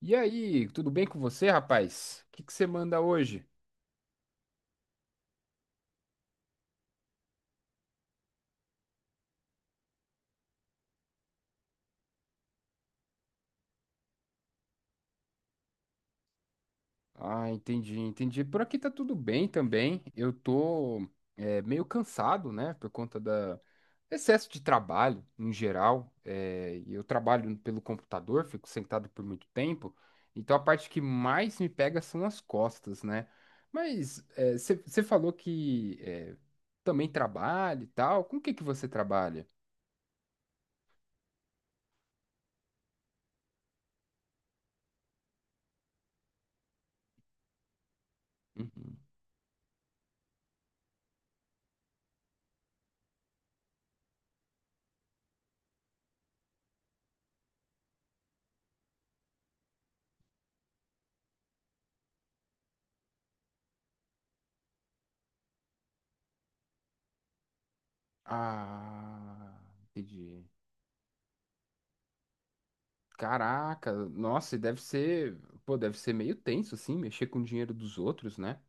E aí, tudo bem com você, rapaz? O que que você manda hoje? Ah, entendi, entendi. Por aqui tá tudo bem também. Eu tô meio cansado, né, por conta da excesso de trabalho em geral. E eu trabalho pelo computador, fico sentado por muito tempo. Então a parte que mais me pega são as costas, né? Mas é, você falou que também trabalha e tal. Com o que que você trabalha? Uhum. Ah, entendi. Caraca, nossa, pô, deve ser meio tenso assim, mexer com o dinheiro dos outros, né?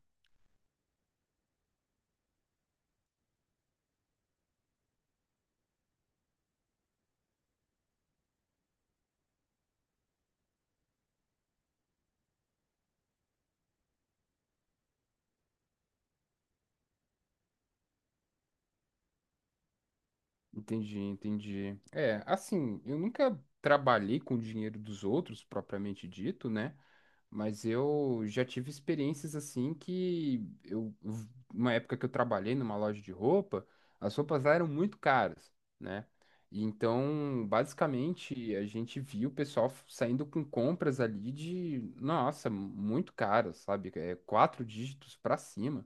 Entendi, entendi. É, assim, eu nunca trabalhei com o dinheiro dos outros, propriamente dito, né? Mas eu já tive experiências uma época que eu trabalhei numa loja de roupa, as roupas lá eram muito caras, né? Então, basicamente, a gente viu o pessoal saindo com compras ali de, nossa, muito caras, sabe? É, quatro dígitos pra cima.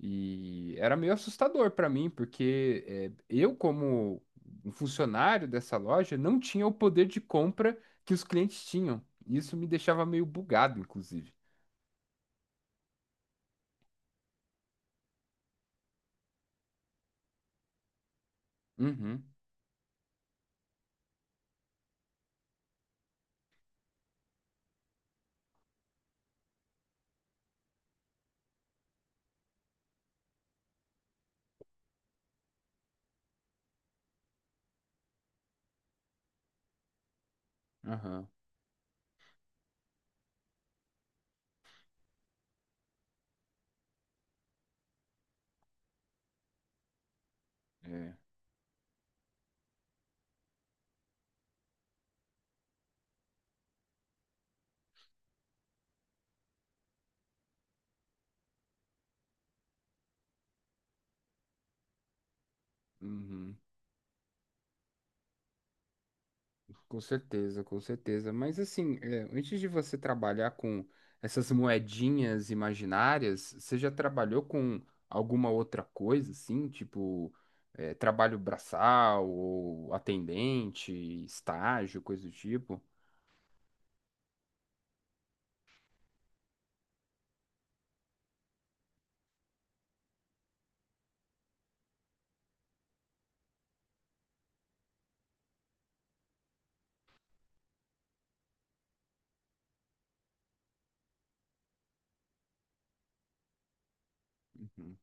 E era meio assustador para mim, porque eu, como um funcionário dessa loja, não tinha o poder de compra que os clientes tinham. Isso me deixava meio bugado, inclusive. Uhum, aham, é, uhum. Com certeza, com certeza. Mas assim, é, antes de você trabalhar com essas moedinhas imaginárias, você já trabalhou com alguma outra coisa, assim, tipo trabalho braçal ou atendente, estágio, coisa do tipo? Uhum.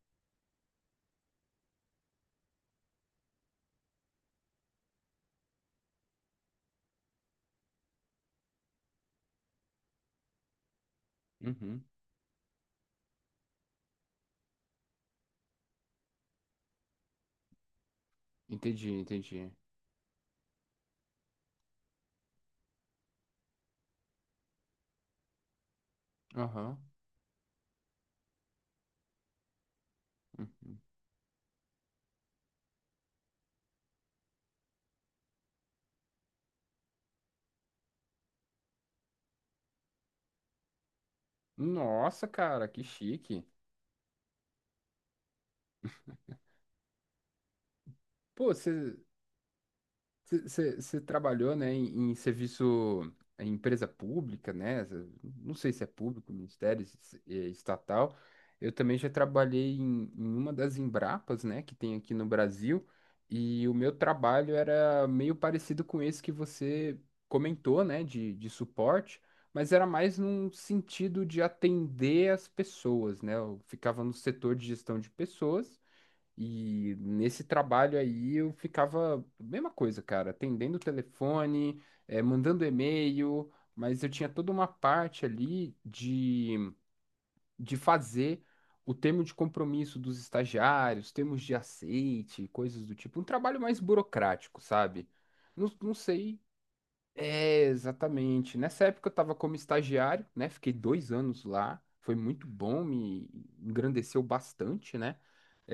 Uhum. Entendi, entendi. Aham. Uhum. Nossa, cara, que chique. Pô, você Você trabalhou, né, em, em serviço, em empresa pública, né? Não sei se é público, ministério, estatal. Eu também já trabalhei em, em uma das Embrapas, né, que tem aqui no Brasil, e o meu trabalho era meio parecido com esse que você comentou, né, de suporte, mas era mais num sentido de atender as pessoas, né? Eu ficava no setor de gestão de pessoas. E nesse trabalho aí eu ficava, mesma coisa, cara, atendendo o telefone, mandando e-mail, mas eu tinha toda uma parte ali de fazer o termo de compromisso dos estagiários, termos de aceite, coisas do tipo. Um trabalho mais burocrático, sabe? Não, não sei, é, exatamente. Nessa época eu estava como estagiário, né? Fiquei 2 anos lá, foi muito bom, me engrandeceu bastante, né?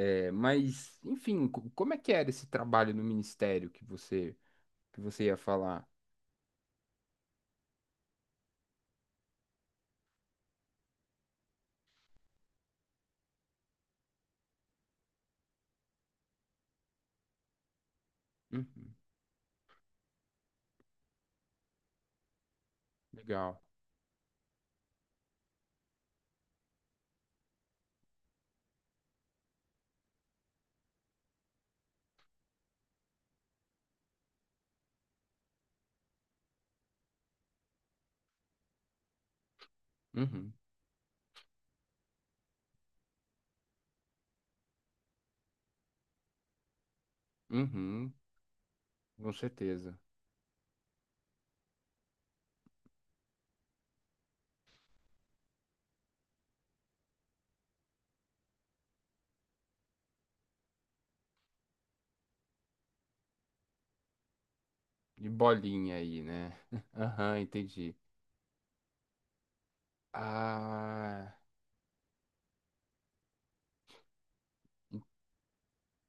É, mas, enfim, como é que era esse trabalho no ministério que você ia falar? Uhum, legal. Uhum, uhum, com certeza. De bolinha aí, né? Aham, entendi. Ah,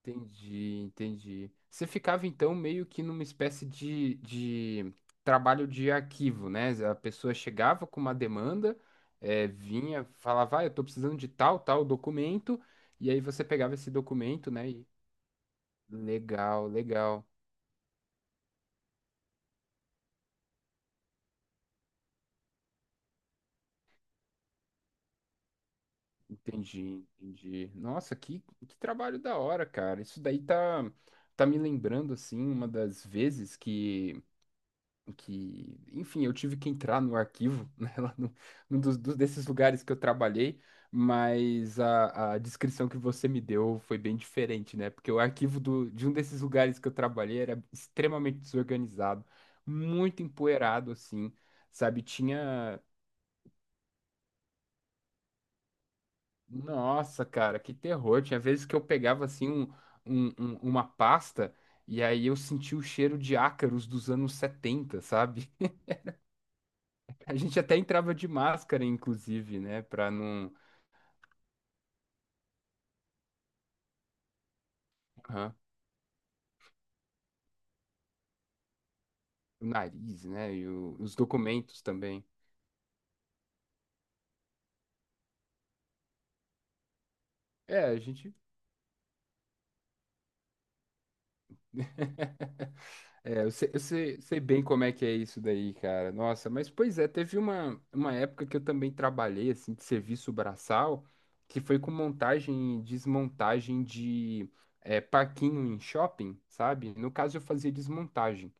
entendi, entendi. Você ficava então meio que numa espécie de trabalho de arquivo, né? A pessoa chegava com uma demanda, vinha, falava, ah, eu tô precisando de tal, tal documento, e aí você pegava esse documento, né? Legal, legal. Entendi, entendi. Nossa, que trabalho da hora, cara. Isso daí tá, tá me lembrando, assim, uma das vezes que enfim, eu tive que entrar no arquivo, né, lá no, num desses lugares que eu trabalhei, mas a descrição que você me deu foi bem diferente, né? Porque o arquivo do, de um desses lugares que eu trabalhei era extremamente desorganizado, muito empoeirado, assim, sabe? Tinha. Nossa, cara, que terror. Tinha vezes que eu pegava assim uma pasta e aí eu sentia o cheiro de ácaros dos anos 70 sabe? A gente até entrava de máscara, inclusive, né? Pra não. Aham. O nariz, né? E os documentos também. É, a gente. É, eu sei, sei bem como é que é isso daí, cara. Nossa, mas pois é, teve uma época que eu também trabalhei, assim, de serviço braçal, que foi com montagem e desmontagem de parquinho em shopping, sabe? No caso, eu fazia desmontagem.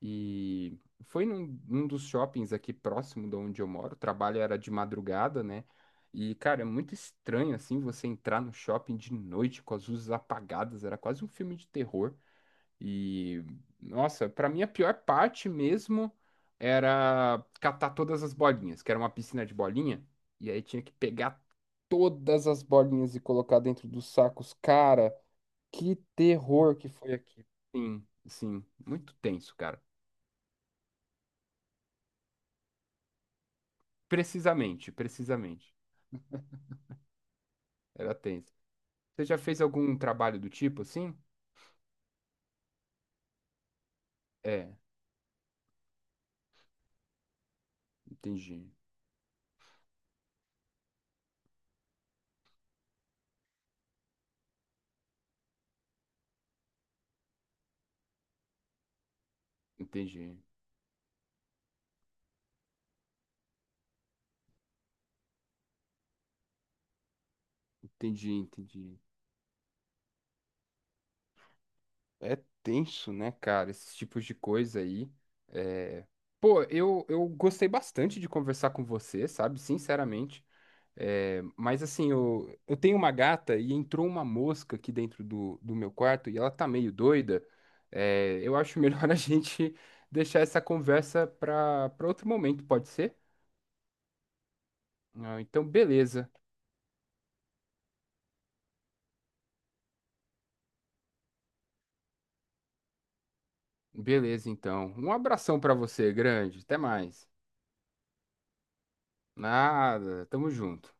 E foi num dos shoppings aqui próximo de onde eu moro. O trabalho era de madrugada, né? E, cara, é muito estranho, assim, você entrar no shopping de noite com as luzes apagadas. Era quase um filme de terror. E, nossa, pra mim a pior parte mesmo era catar todas as bolinhas, que era uma piscina de bolinha, e aí tinha que pegar todas as bolinhas e colocar dentro dos sacos. Cara, que terror que foi aqui. Sim, sim, muito tenso, cara. Precisamente, precisamente. Era tenso. Você já fez algum trabalho do tipo assim? É, entendi, entendi, entendi, entendi. É tenso, né, cara? Esses tipos de coisa aí. É, Pô, eu gostei bastante de conversar com você, sabe? Sinceramente. É, mas assim, eu tenho uma gata e entrou uma mosca aqui dentro do, do meu quarto e ela tá meio doida. É, eu acho melhor a gente deixar essa conversa pra, pra outro momento, pode ser? Ah, então, beleza. Beleza, então. Um abração pra você, grande. Até mais. Nada, tamo junto.